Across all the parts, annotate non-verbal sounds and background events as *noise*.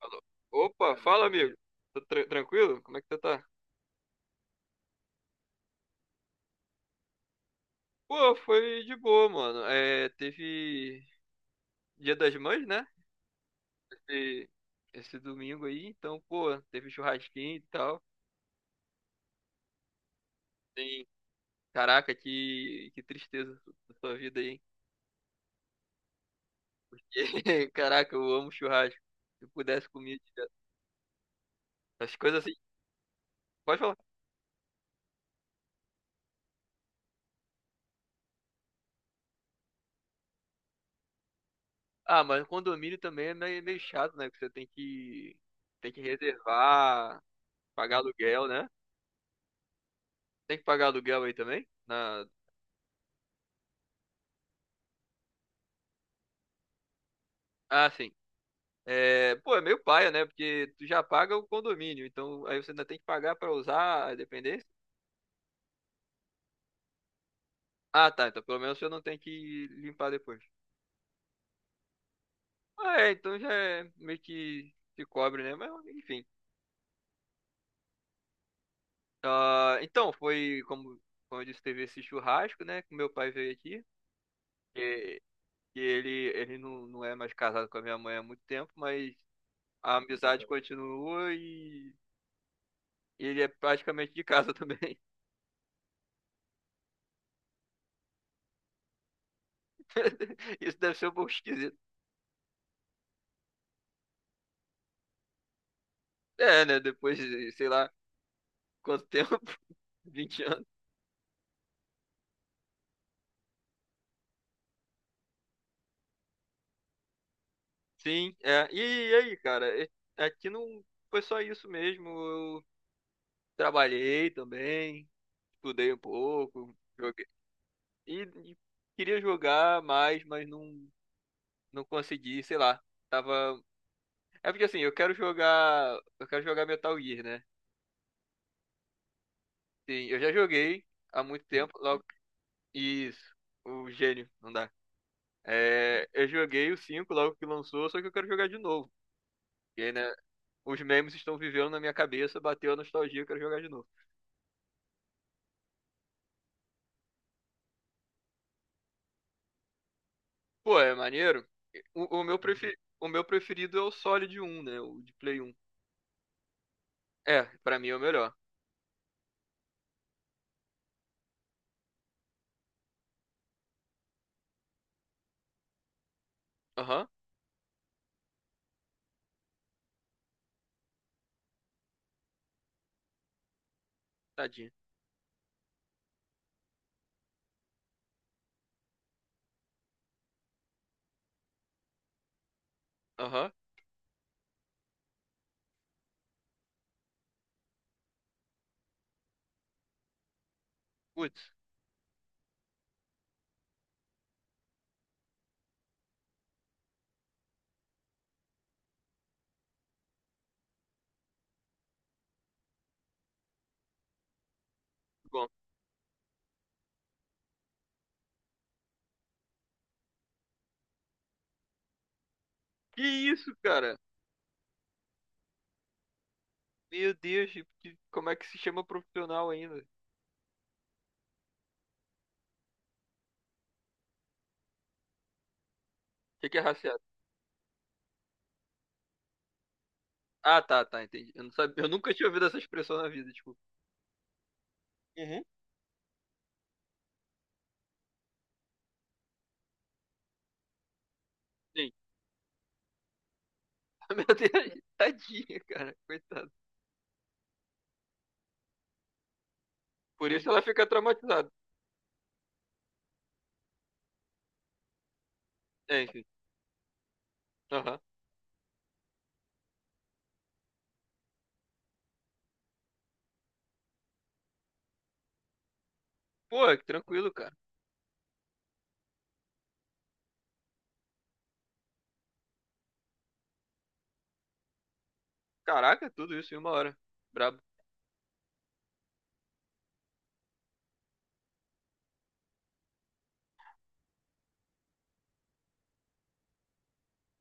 Falou. Opa, fala, amigo. Tranquilo? Como é que você tá? Pô, foi de boa, mano. Teve Dia das Mães, né? E esse domingo aí, então, pô, teve churrasquinho e tal. Tem, caraca, que tristeza da sua vida aí, hein? *laughs* Caraca, eu amo churrasco. Se eu pudesse comer direto as coisas assim. Pode falar. Ah, mas condomínio também é meio, meio chato, né? Que você tem que reservar, pagar aluguel, né? Tem que pagar aluguel aí também? Na... Ah, sim. É, pô, é meio paia, né? Porque tu já paga o condomínio, então aí você ainda tem que pagar pra usar a dependência. Ah, tá. Então pelo menos você não tem que limpar depois. Ah, é, então já é meio que se cobre, né? Mas enfim. Ah, então, foi como, como eu disse, teve esse churrasco, né? Que meu pai veio aqui. E, e ele, ele não é mais casado com a minha mãe há muito tempo, mas a amizade continua e ele é praticamente de casa também. *laughs* Isso deve ser um pouco esquisito. É, né? Depois, sei lá. Quanto tempo? *laughs* 20 anos. Sim, é. E aí, cara? é- Aqui não foi só isso mesmo. Eu trabalhei também, estudei um pouco, joguei. E, e queria jogar mais, mas não consegui, sei lá. Tava. É porque assim, eu quero jogar. Eu quero jogar Metal Gear, né? Sim, eu já joguei há muito tempo, logo. Isso, o gênio, não dá. É, eu joguei o 5 logo que lançou, só que eu quero jogar de novo. Porque, né? Os memes estão vivendo na minha cabeça, bateu a nostalgia, eu quero jogar de novo. Pô, é maneiro. O meu preferido é o Solid um, né? O de Play 1. É, pra mim é o melhor. Aham, tadinho. Aham. Putz, bom. Que isso, cara? Meu Deus, como é que se chama profissional ainda? O que que é raciado? Ah, tá, tá, entendi. Eu não sabia, eu nunca tinha ouvido essa expressão na vida, desculpa. Uhum. Sim. *laughs* Meu Deus, tadinha, cara, coitado. Por isso ela fica traumatizada. É, enfim. Aham. Pô, que tranquilo, cara. Caraca, tudo isso em uma hora. Brabo.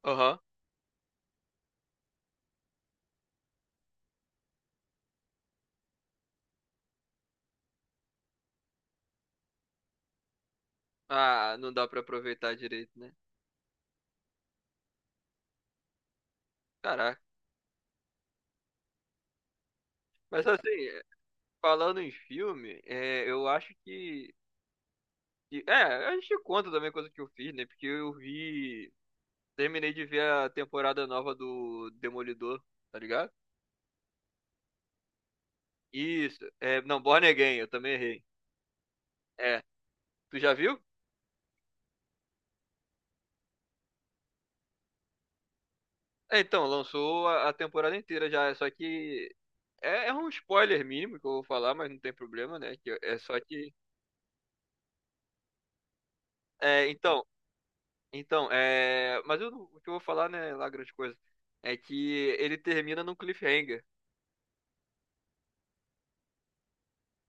Aham. Ah, não dá pra aproveitar direito, né? Caraca. Mas assim, falando em filme, é, eu acho que, que. É, a gente conta também coisa que eu fiz, né? Porque eu vi. Terminei de ver a temporada nova do Demolidor, tá ligado? Isso. É, não, Born Again, eu também errei. É. Tu já viu? É, então, lançou a temporada inteira já. Só que. É, é um spoiler mínimo que eu vou falar, mas não tem problema, né? Que, é só que. É, então, Então, é... mas eu não- o que eu vou falar, né, lá grande coisa, é que ele termina num cliffhanger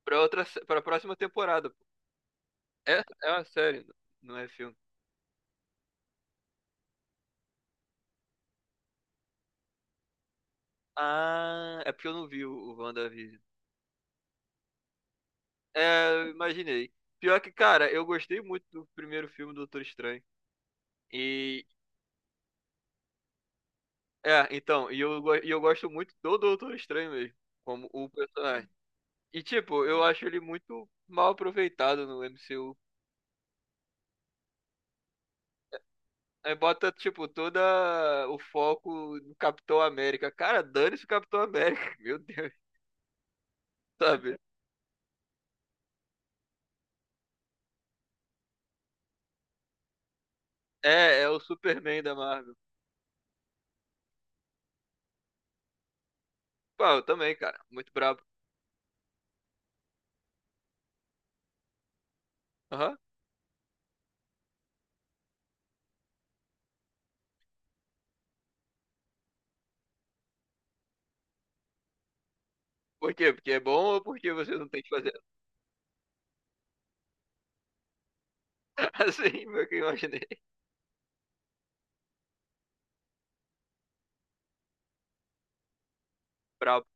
pra outra, para próxima temporada. Pô. É, é uma série, não é filme. Ah, é porque eu não vi o WandaVision. É, eu imaginei. Pior que, cara, eu gostei muito do primeiro filme do Doutor Estranho. E, é, então, e eu gosto muito do Doutor Estranho mesmo, como o personagem. E, tipo, eu acho ele muito mal aproveitado no MCU. Aí bota, tipo, todo o foco no Capitão América. Cara, dane-se o Capitão América, *laughs* meu Deus, sabe? É, é o Superman da Marvel. Pô, eu também, cara, muito brabo. Aham. Por quê? Porque é bom ou porque você não tem que fazer? *laughs* Assim, foi o que eu imaginei. Brabo.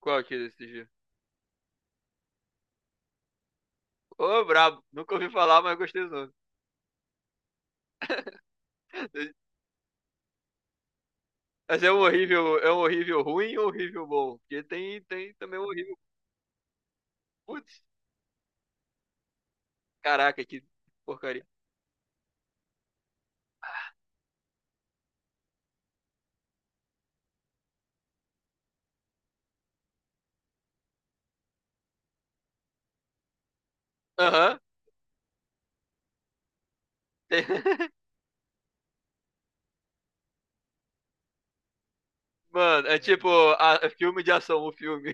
Qual que é desse dia? Ô, brabo. Nunca ouvi falar, mas gostei do nome. Mas é um horrível ruim ou horrível bom? Porque tem, tem também um horrível. Putz, caraca, que porcaria. Aham. Tem. *laughs* Mano, é tipo é filme de ação, o filme.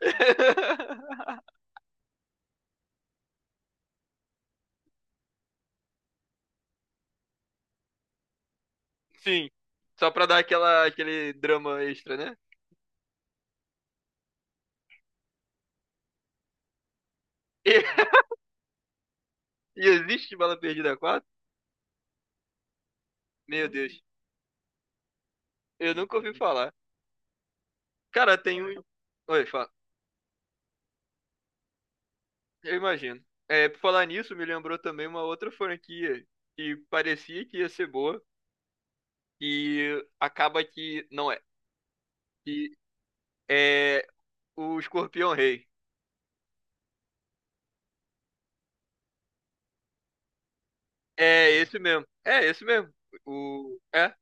*laughs* Sim, só pra dar aquela, aquele drama extra, né? *laughs* E, e existe Bala Perdida 4? Meu Deus, eu nunca ouvi falar. Cara, tem um. Oi, fala. Eu imagino. É, por falar nisso, me lembrou também uma outra franquia que parecia que ia ser boa e acaba que não é. Que é o Escorpião Rei. É esse mesmo. É esse mesmo. O... É.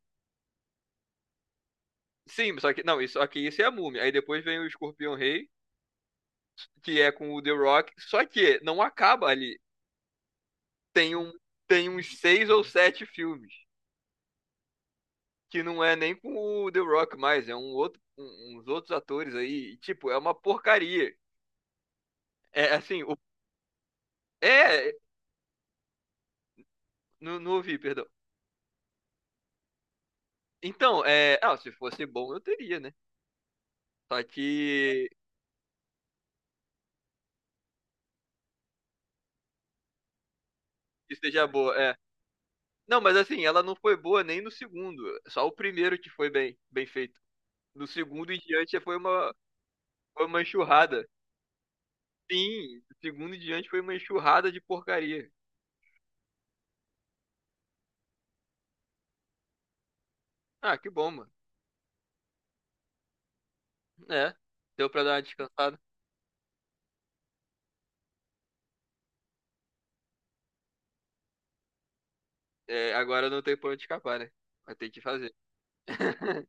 Sim, só que. Não, isso, só que isso é a múmia. Aí depois vem o Escorpião Rei, que é com o The Rock. Só que não acaba ali. Tem, um, tem uns 6 ou 7 filmes. Que não é nem com o The Rock mais, é um outro, uns outros atores aí. E, tipo, é uma porcaria. É assim, o, é. Não, não ouvi, perdão. Então, é. Ah, se fosse bom, eu teria, né? Só que. Que seja boa, é. Não, mas assim, ela não foi boa nem no segundo. Só o primeiro que foi bem, bem feito. No segundo em diante foi uma, foi uma enxurrada. Sim, do segundo em diante foi uma enxurrada de porcaria. Ah, que bom, mano. É, deu pra dar uma descansada. É, agora não tem pra onde escapar, né? Vai ter que fazer. *laughs*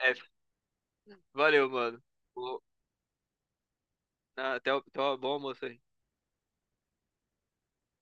É, valeu, mano. Vou- Até, até o bom almoço aí.